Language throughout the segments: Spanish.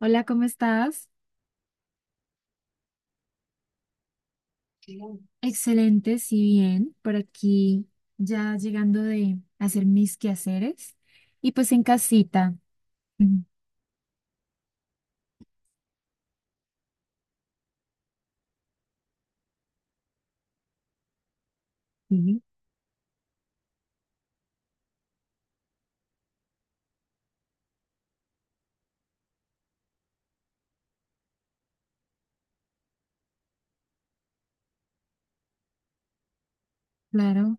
Hola, ¿cómo estás? Bien. Excelente, sí, bien. Por aquí ya llegando de hacer mis quehaceres y pues en casita. Ujú, sí, claro.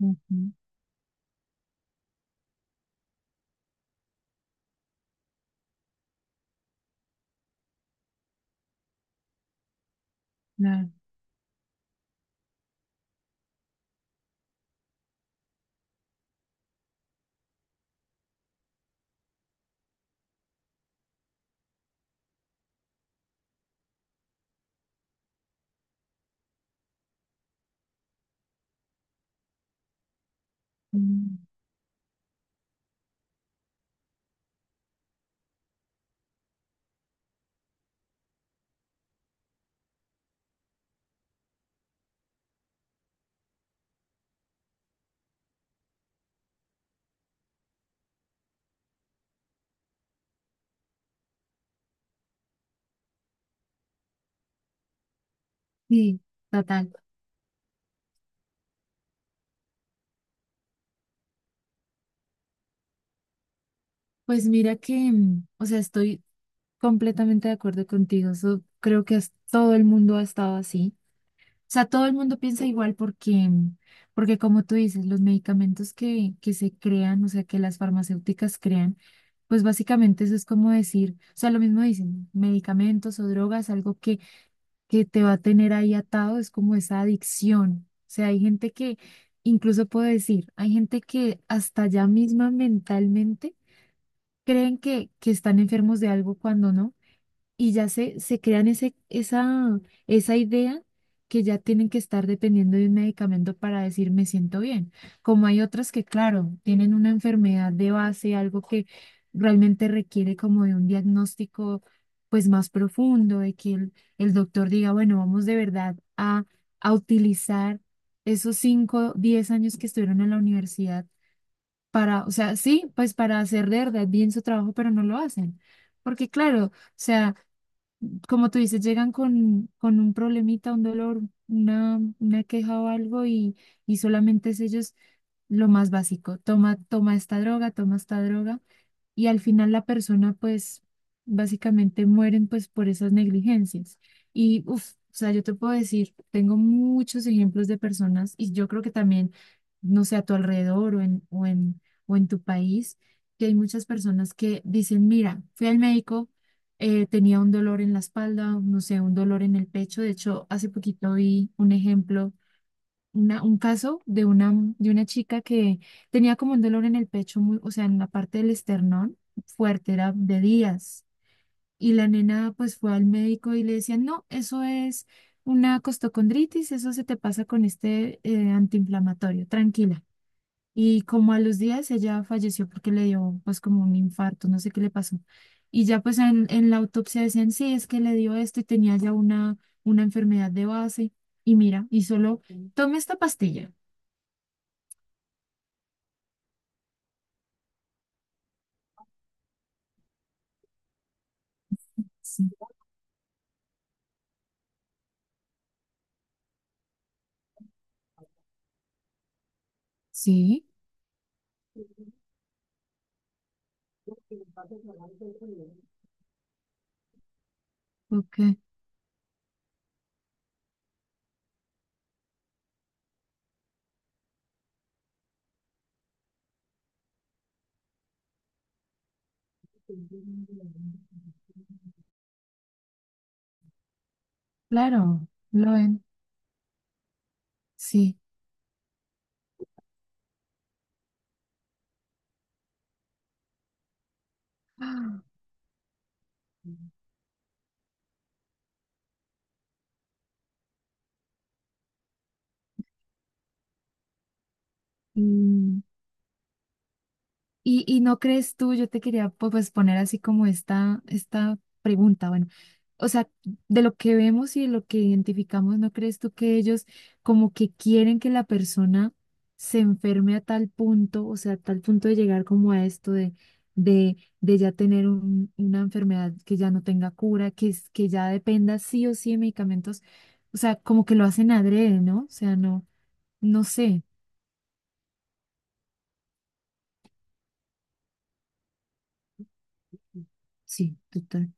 Ujú, claro. Mm, sí, total. Pues mira que, o sea, estoy completamente de acuerdo contigo. Creo que todo el mundo ha estado así. Sea, todo el mundo piensa igual porque, porque como tú dices, los medicamentos que se crean, o sea, que las farmacéuticas crean, pues básicamente eso es como decir, o sea, lo mismo dicen, medicamentos o drogas, algo que te va a tener ahí atado, es como esa adicción. O sea, hay gente que, incluso puedo decir, hay gente que hasta ya misma mentalmente creen que están enfermos de algo cuando no, y ya se crean esa idea que ya tienen que estar dependiendo de un medicamento para decir me siento bien. Como hay otras que, claro, tienen una enfermedad de base, algo que realmente requiere como de un diagnóstico pues más profundo, de que el doctor diga, bueno, vamos de verdad a utilizar esos 5 10 años que estuvieron en la universidad para, o sea, sí, pues para hacer de verdad bien su trabajo, pero no lo hacen. Porque claro, o sea, como tú dices, llegan con un problemita, un dolor, una queja o algo y solamente es ellos lo más básico. Toma, toma esta droga, toma esta droga, y al final la persona pues básicamente mueren pues por esas negligencias. Y uff, o sea, yo te puedo decir, tengo muchos ejemplos de personas y yo creo que también, no sé, a tu alrededor o en tu país, que hay muchas personas que dicen, mira, fui al médico, tenía un dolor en la espalda, no sé, un dolor en el pecho. De hecho, hace poquito vi un ejemplo un caso de una chica que tenía como un dolor en el pecho, muy, o sea, en la parte del esternón fuerte, era de días. Y la nena pues fue al médico y le decían, no, eso es una costocondritis, eso se te pasa con este antiinflamatorio, tranquila. Y como a los días ella falleció porque le dio pues como un infarto, no sé qué le pasó. Y ya pues en la autopsia decían, sí, es que le dio esto y tenía ya una enfermedad de base. Y mira, y solo tome esta pastilla. Sí, sí, ok, claro, lo en, sí. Ah, mm, y no crees tú, yo te quería pues poner así como esta pregunta, bueno, o sea, de lo que vemos y de lo que identificamos, ¿no crees tú que ellos como que quieren que la persona se enferme a tal punto, o sea, a tal punto de llegar como a esto de, de ya tener una enfermedad que ya no tenga cura, que, que ya dependa sí o sí de medicamentos, o sea, como que lo hacen adrede, ¿no? O sea, no, no sé. Sí, total.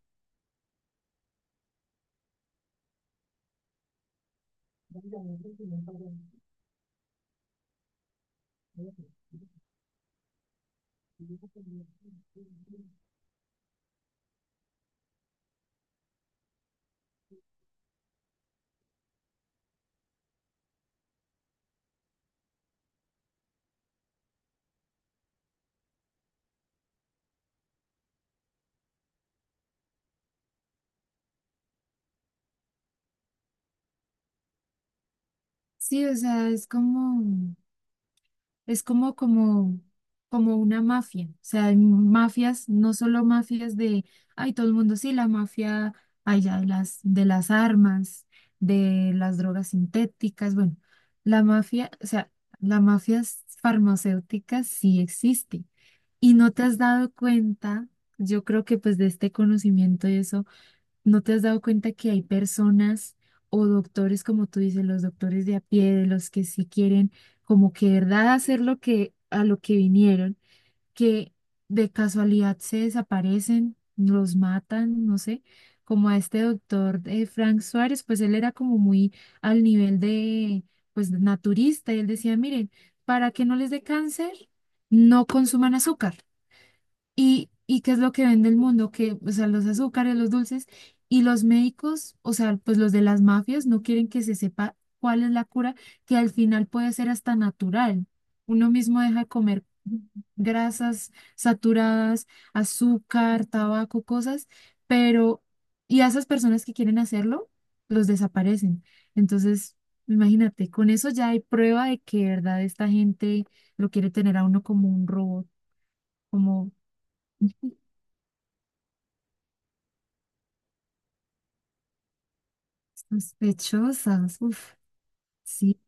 Sí, o sea, es como, es como, como, como una mafia. O sea, hay mafias, no solo mafias de, ay, todo el mundo, sí, la mafia, ay, ya, de las armas, de las drogas sintéticas, bueno, la mafia, o sea, la mafia farmacéutica sí existe. Y no te has dado cuenta, yo creo que pues de este conocimiento y eso ¿no te has dado cuenta que hay personas o doctores, como tú dices, los doctores de a pie, de los que sí quieren como que de verdad hacer lo que a lo que vinieron, que de casualidad se desaparecen, los matan, no sé, como a este doctor Frank Suárez, pues él era como muy al nivel de pues naturista, y él decía, miren, para que no les dé cáncer, no consuman azúcar. Y qué es lo que vende el mundo? Que, o sea, los azúcares, los dulces y los médicos, o sea, pues los de las mafias no quieren que se sepa cuál es la cura, que al final puede ser hasta natural. Uno mismo deja de comer grasas saturadas, azúcar, tabaco, cosas, pero, y a esas personas que quieren hacerlo, los desaparecen. Entonces, imagínate, con eso ya hay prueba de que, de verdad, esta gente lo quiere tener a uno como un robot, como... Sospechosas, uf, sí,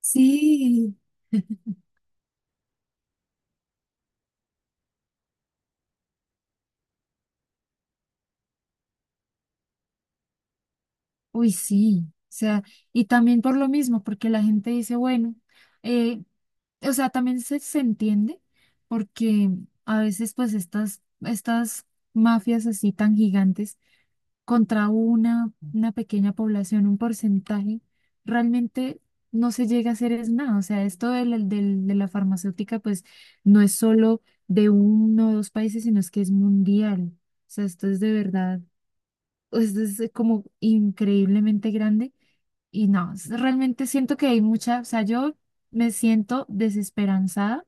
sí, uy, sí, o sea, y también por lo mismo, porque la gente dice, bueno, eh, o sea, también se entiende, porque a veces pues estas mafias así tan gigantes, contra una pequeña población, un porcentaje, realmente no se llega a hacer es nada. O sea, esto de la, de la farmacéutica, pues no es solo de uno o dos países, sino es que es mundial. O sea, esto es de verdad, esto es como increíblemente grande. Y no, realmente siento que hay mucha, o sea, yo me siento desesperanzada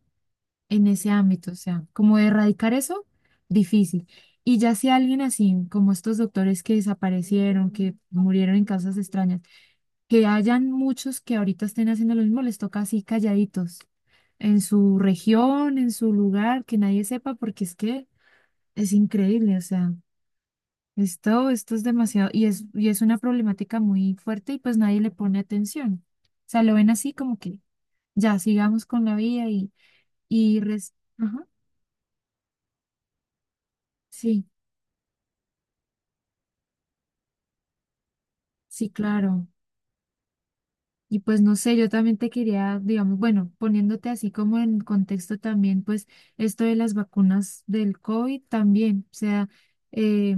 en ese ámbito, o sea, como erradicar eso, difícil. Y ya si alguien así, como estos doctores que desaparecieron, que murieron en causas extrañas, que hayan muchos que ahorita estén haciendo lo mismo, les toca así calladitos, en su región, en su lugar, que nadie sepa, porque es que es increíble, o sea, esto es demasiado, y es una problemática muy fuerte y pues nadie le pone atención. O sea, lo ven así como que ya sigamos con la vida y res- Ajá, sí. Sí, claro. Y pues no sé, yo también te quería, digamos, bueno, poniéndote así como en contexto también, pues esto de las vacunas del COVID también, o sea, eh,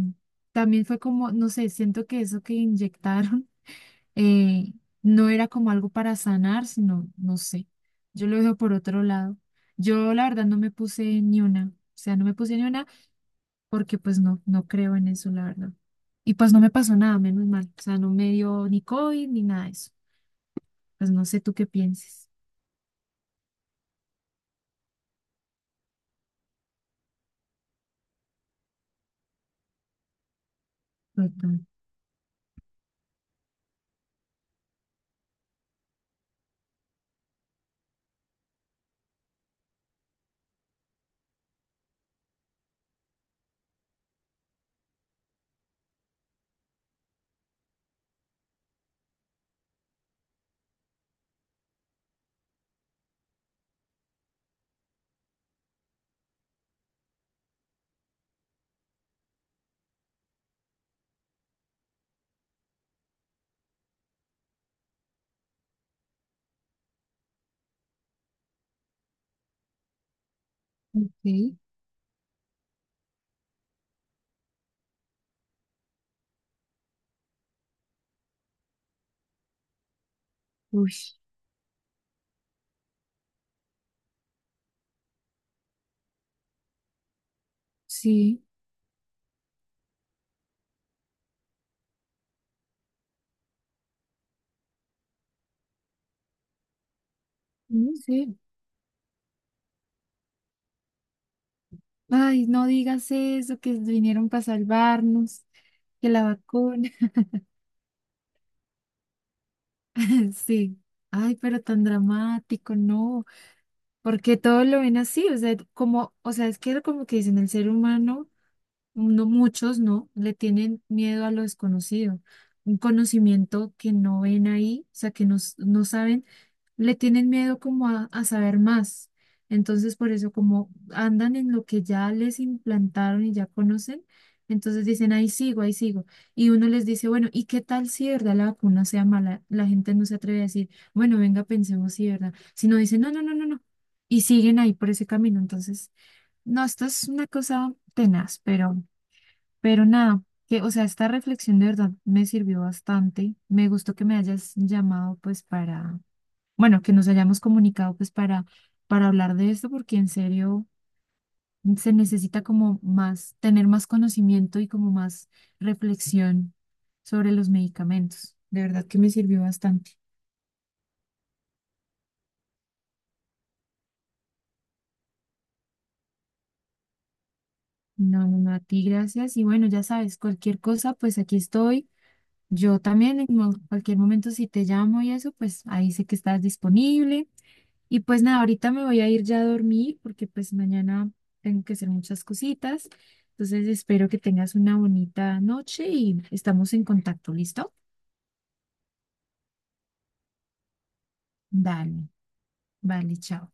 también fue como, no sé, siento que eso que inyectaron eh, no era como algo para sanar, sino, no sé, yo lo dejo por otro lado. Yo la verdad no me puse ni una, o sea, no me puse ni una porque pues no, no creo en eso, la verdad. Y pues no me pasó nada, menos mal, o sea, no me dio ni COVID ni nada de eso. Pues no sé tú qué pienses. Total. Ok. Uy, sí, mm, sí. Ay, no digas eso, que vinieron para salvarnos, que la vacuna. Sí. Ay, pero tan dramático, no. Porque todo lo ven así, o sea, como, o sea, es que era como que dicen el ser humano. No, muchos no, le tienen miedo a lo desconocido, un conocimiento que no ven ahí, o sea, que no, no saben, le tienen miedo como a saber más. Entonces, por eso, como andan en lo que ya les implantaron y ya conocen, entonces dicen, ahí sigo, ahí sigo. Y uno les dice, bueno, ¿y qué tal si de verdad la vacuna sea mala? La gente no se atreve a decir, bueno, venga, pensemos si de verdad. Sino dicen, no, no, no, no, no. Y siguen ahí por ese camino. Entonces, no, esto es una cosa tenaz, pero... Pero nada, que, o sea, esta reflexión de verdad me sirvió bastante. Me gustó que me hayas llamado, pues, para, bueno, que nos hayamos comunicado, pues, para hablar de esto, porque en serio se necesita como más, tener más conocimiento y como más reflexión sobre los medicamentos. De verdad que me sirvió bastante. No, no, no, a ti gracias. Y bueno, ya sabes, cualquier cosa, pues aquí estoy. Yo también en cualquier momento si te llamo y eso, pues ahí sé que estás disponible. Y pues nada, ahorita me voy a ir ya a dormir porque pues mañana tengo que hacer muchas cositas. Entonces espero que tengas una bonita noche y estamos en contacto, ¿listo? Dale, vale, chao.